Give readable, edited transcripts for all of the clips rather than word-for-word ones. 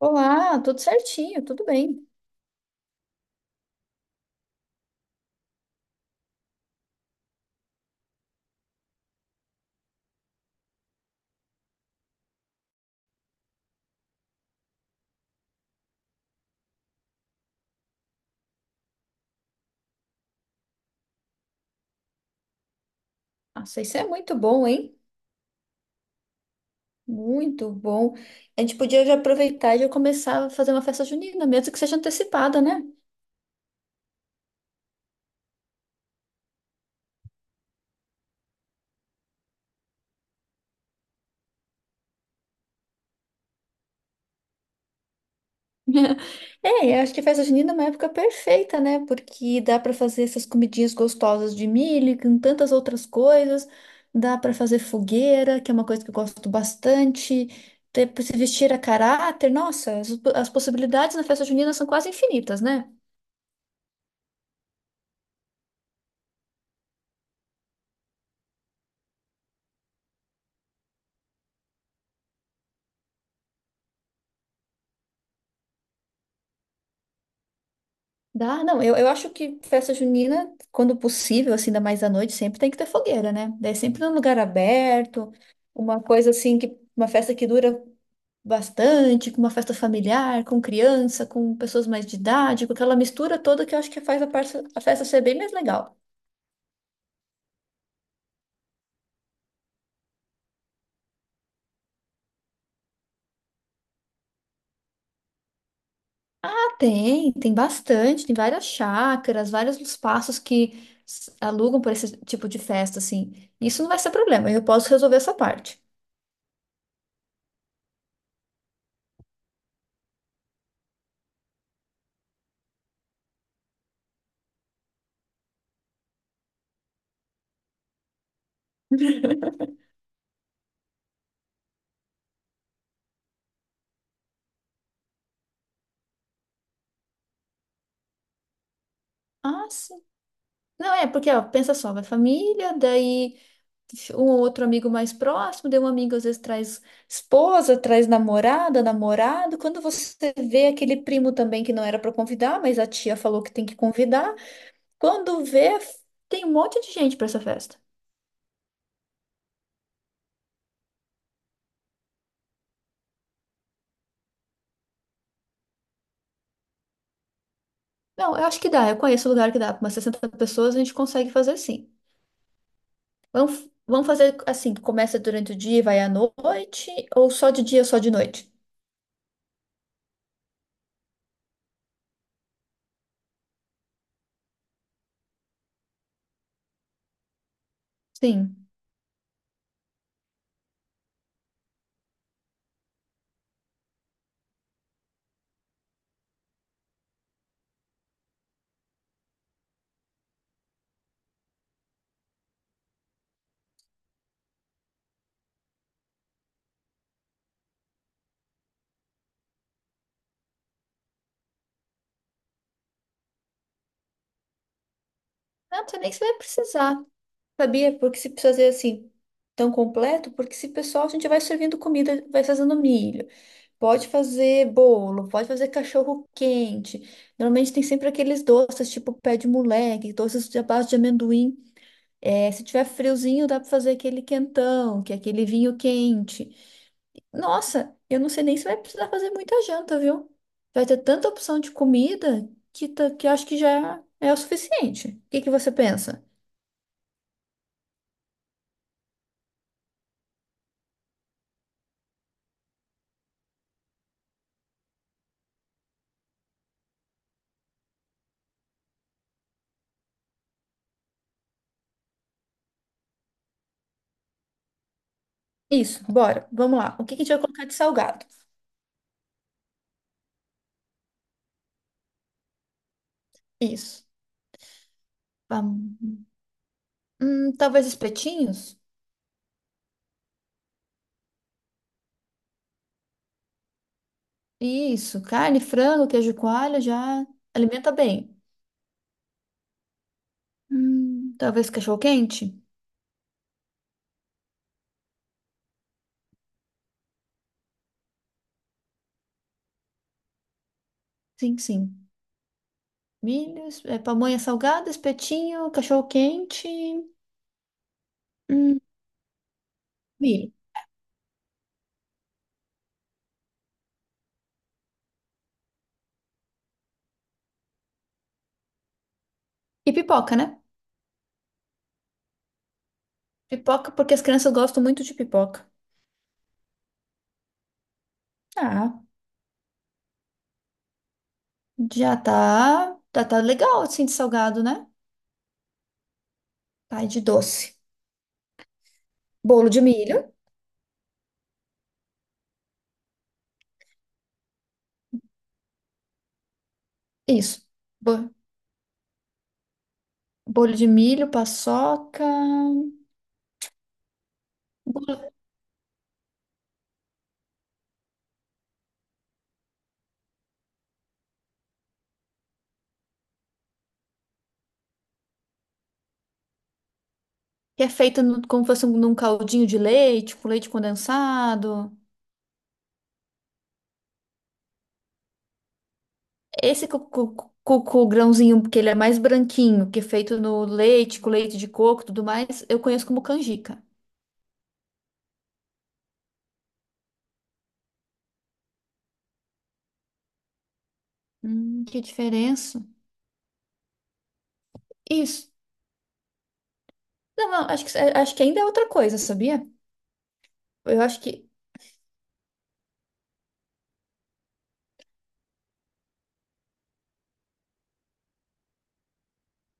Olá, tudo certinho, tudo bem. Nossa, isso é muito bom, hein? Muito bom. A gente podia já aproveitar e já começar a fazer uma festa junina, mesmo que seja antecipada, né? É, eu acho que festa junina é uma época perfeita, né? Porque dá para fazer essas comidinhas gostosas de milho, e com tantas outras coisas. Dá para fazer fogueira, que é uma coisa que eu gosto bastante. Ter, se vestir a caráter. Nossa, as possibilidades na festa junina são quase infinitas, né? Dá, não, eu acho que festa junina, quando possível, assim, ainda mais à noite, sempre tem que ter fogueira, né? Daí sempre num lugar aberto, uma coisa assim, que uma festa que dura bastante, com uma festa familiar, com criança, com pessoas mais de idade, com aquela mistura toda que eu acho que faz a, a festa ser bem mais legal. Tem, tem bastante, tem várias chácaras, vários espaços que alugam para esse tipo de festa, assim. Isso não vai ser problema, eu posso resolver essa parte. Ah, Não, é, porque, ó, pensa só, vai família, daí um ou outro amigo mais próximo, daí um amigo às vezes traz esposa, traz namorada, namorado. Quando você vê aquele primo também que não era pra convidar, mas a tia falou que tem que convidar, quando vê, tem um monte de gente pra essa festa. Não, eu acho que dá, eu conheço lugar que dá, pra umas 60 pessoas a gente consegue fazer sim. Vamos, vamos fazer assim, que começa durante o dia e vai à noite, ou só de dia, só de noite? Sim. Não, não sei nem se vai precisar. Sabia? Porque se precisa fazer assim tão completo, porque se pessoal a gente vai servindo comida, vai fazendo milho, pode fazer bolo, pode fazer cachorro quente. Normalmente tem sempre aqueles doces, tipo pé de moleque, doces de à base de amendoim. É, se tiver friozinho, dá para fazer aquele quentão, que é aquele vinho quente. Nossa, eu não sei nem se vai precisar fazer muita janta, viu? Vai ter tanta opção de comida que, que eu acho que já é o suficiente. O que que você pensa? Isso, bora. Vamos lá. O que que a gente vai colocar de salgado? Isso. Vam- talvez espetinhos? Isso. Carne, frango, queijo coalho já alimenta bem. Talvez cachorro-quente? Sim, sim. Milho, é, pamonha salgada, espetinho, cachorro-quente, hum, milho. E pipoca, né? Pipoca porque as crianças gostam muito de pipoca. Ah, já tá, tá, tá legal assim de salgado, né? Tá, e de doce. Bolo de milho. Isso. Bo- Bolo de milho, paçoca. Bolo que é feito como se fosse num caldinho de leite, com leite condensado. Esse cucu, cucu grãozinho, porque ele é mais branquinho, que é feito no leite, com leite de coco e tudo mais, eu conheço como canjica. Que diferença. Isso. Não, não, acho que ainda é outra coisa, sabia? Eu acho que.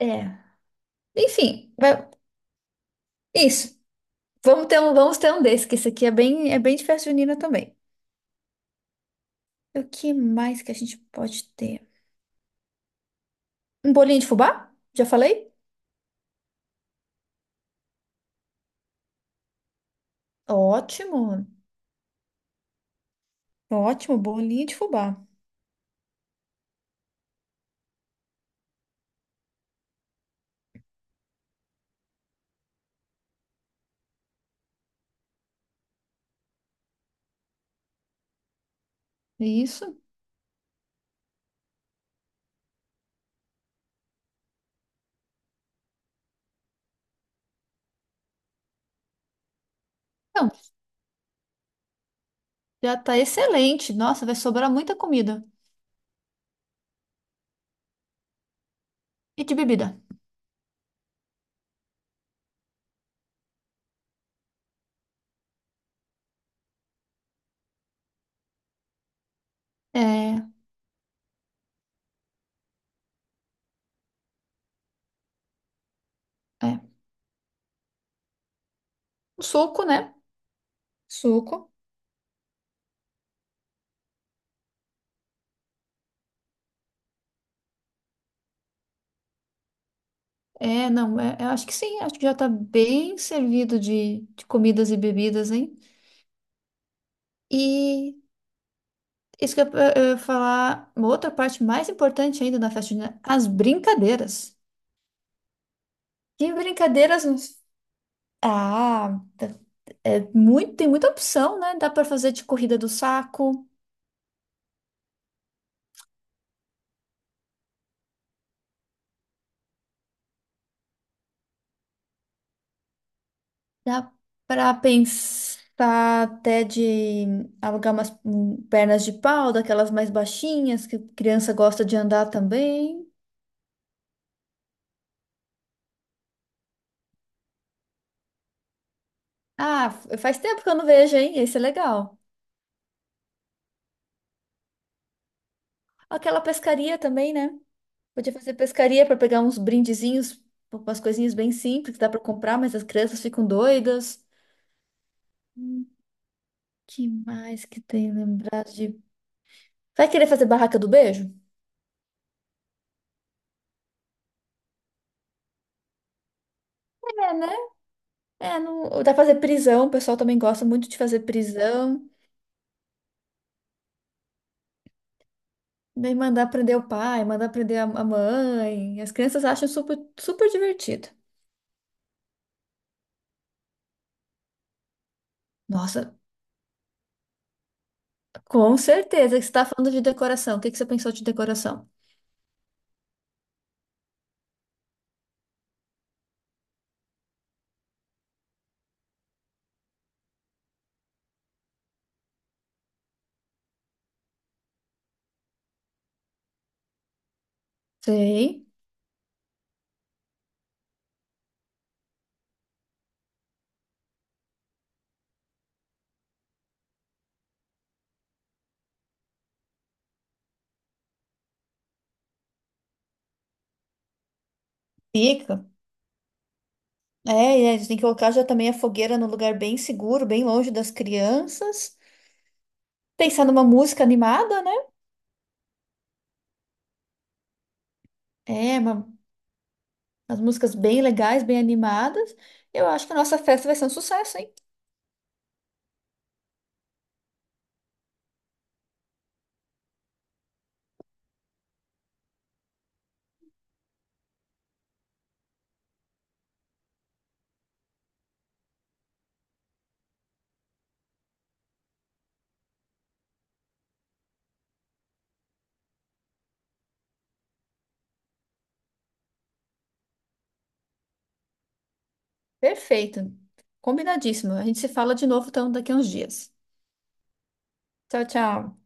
É. Enfim, isso. Vamos ter um desse, que esse aqui é bem de festa junina também. O que mais que a gente pode ter? Um bolinho de fubá? Já falei? Ótimo, ótimo, bolinho de fubá. Isso. Então, já tá excelente. Nossa, vai sobrar muita comida. E de bebida? É, é. Um suco, né? Suco. É, não, é, eu acho que sim, acho que já tá bem servido de comidas e bebidas, hein? E isso que eu ia falar, uma outra parte mais importante ainda da festa junina, as brincadeiras. Que brincadeiras nos... Ah, É muito, tem muita opção, né? Dá para fazer de corrida do saco, dá para pensar até de alugar umas pernas de pau, daquelas mais baixinhas, que criança gosta de andar também. Ah, faz tempo que eu não vejo, hein? Esse é legal. Aquela pescaria também, né? Podia fazer pescaria para pegar uns brindezinhos, umas coisinhas bem simples, que dá para comprar, mas as crianças ficam doidas. Hum, que mais que tem lembrado de. Vai querer fazer barraca do beijo? É, né. É, não, dá pra fazer prisão, o pessoal também gosta muito de fazer prisão. Daí mandar prender o pai, mandar prender a mãe. As crianças acham super, super divertido. Nossa, com certeza que você está falando de decoração. O que que você pensou de decoração? Sei. Fica. É, e a gente tem que colocar já também a fogueira num lugar bem seguro, bem longe das crianças. Pensar numa música animada, né? É, uma. As músicas bem legais, bem animadas. Eu acho que a nossa festa vai ser um sucesso, hein? Perfeito. Combinadíssimo. A gente se fala de novo então daqui a uns dias. Tchau, tchau.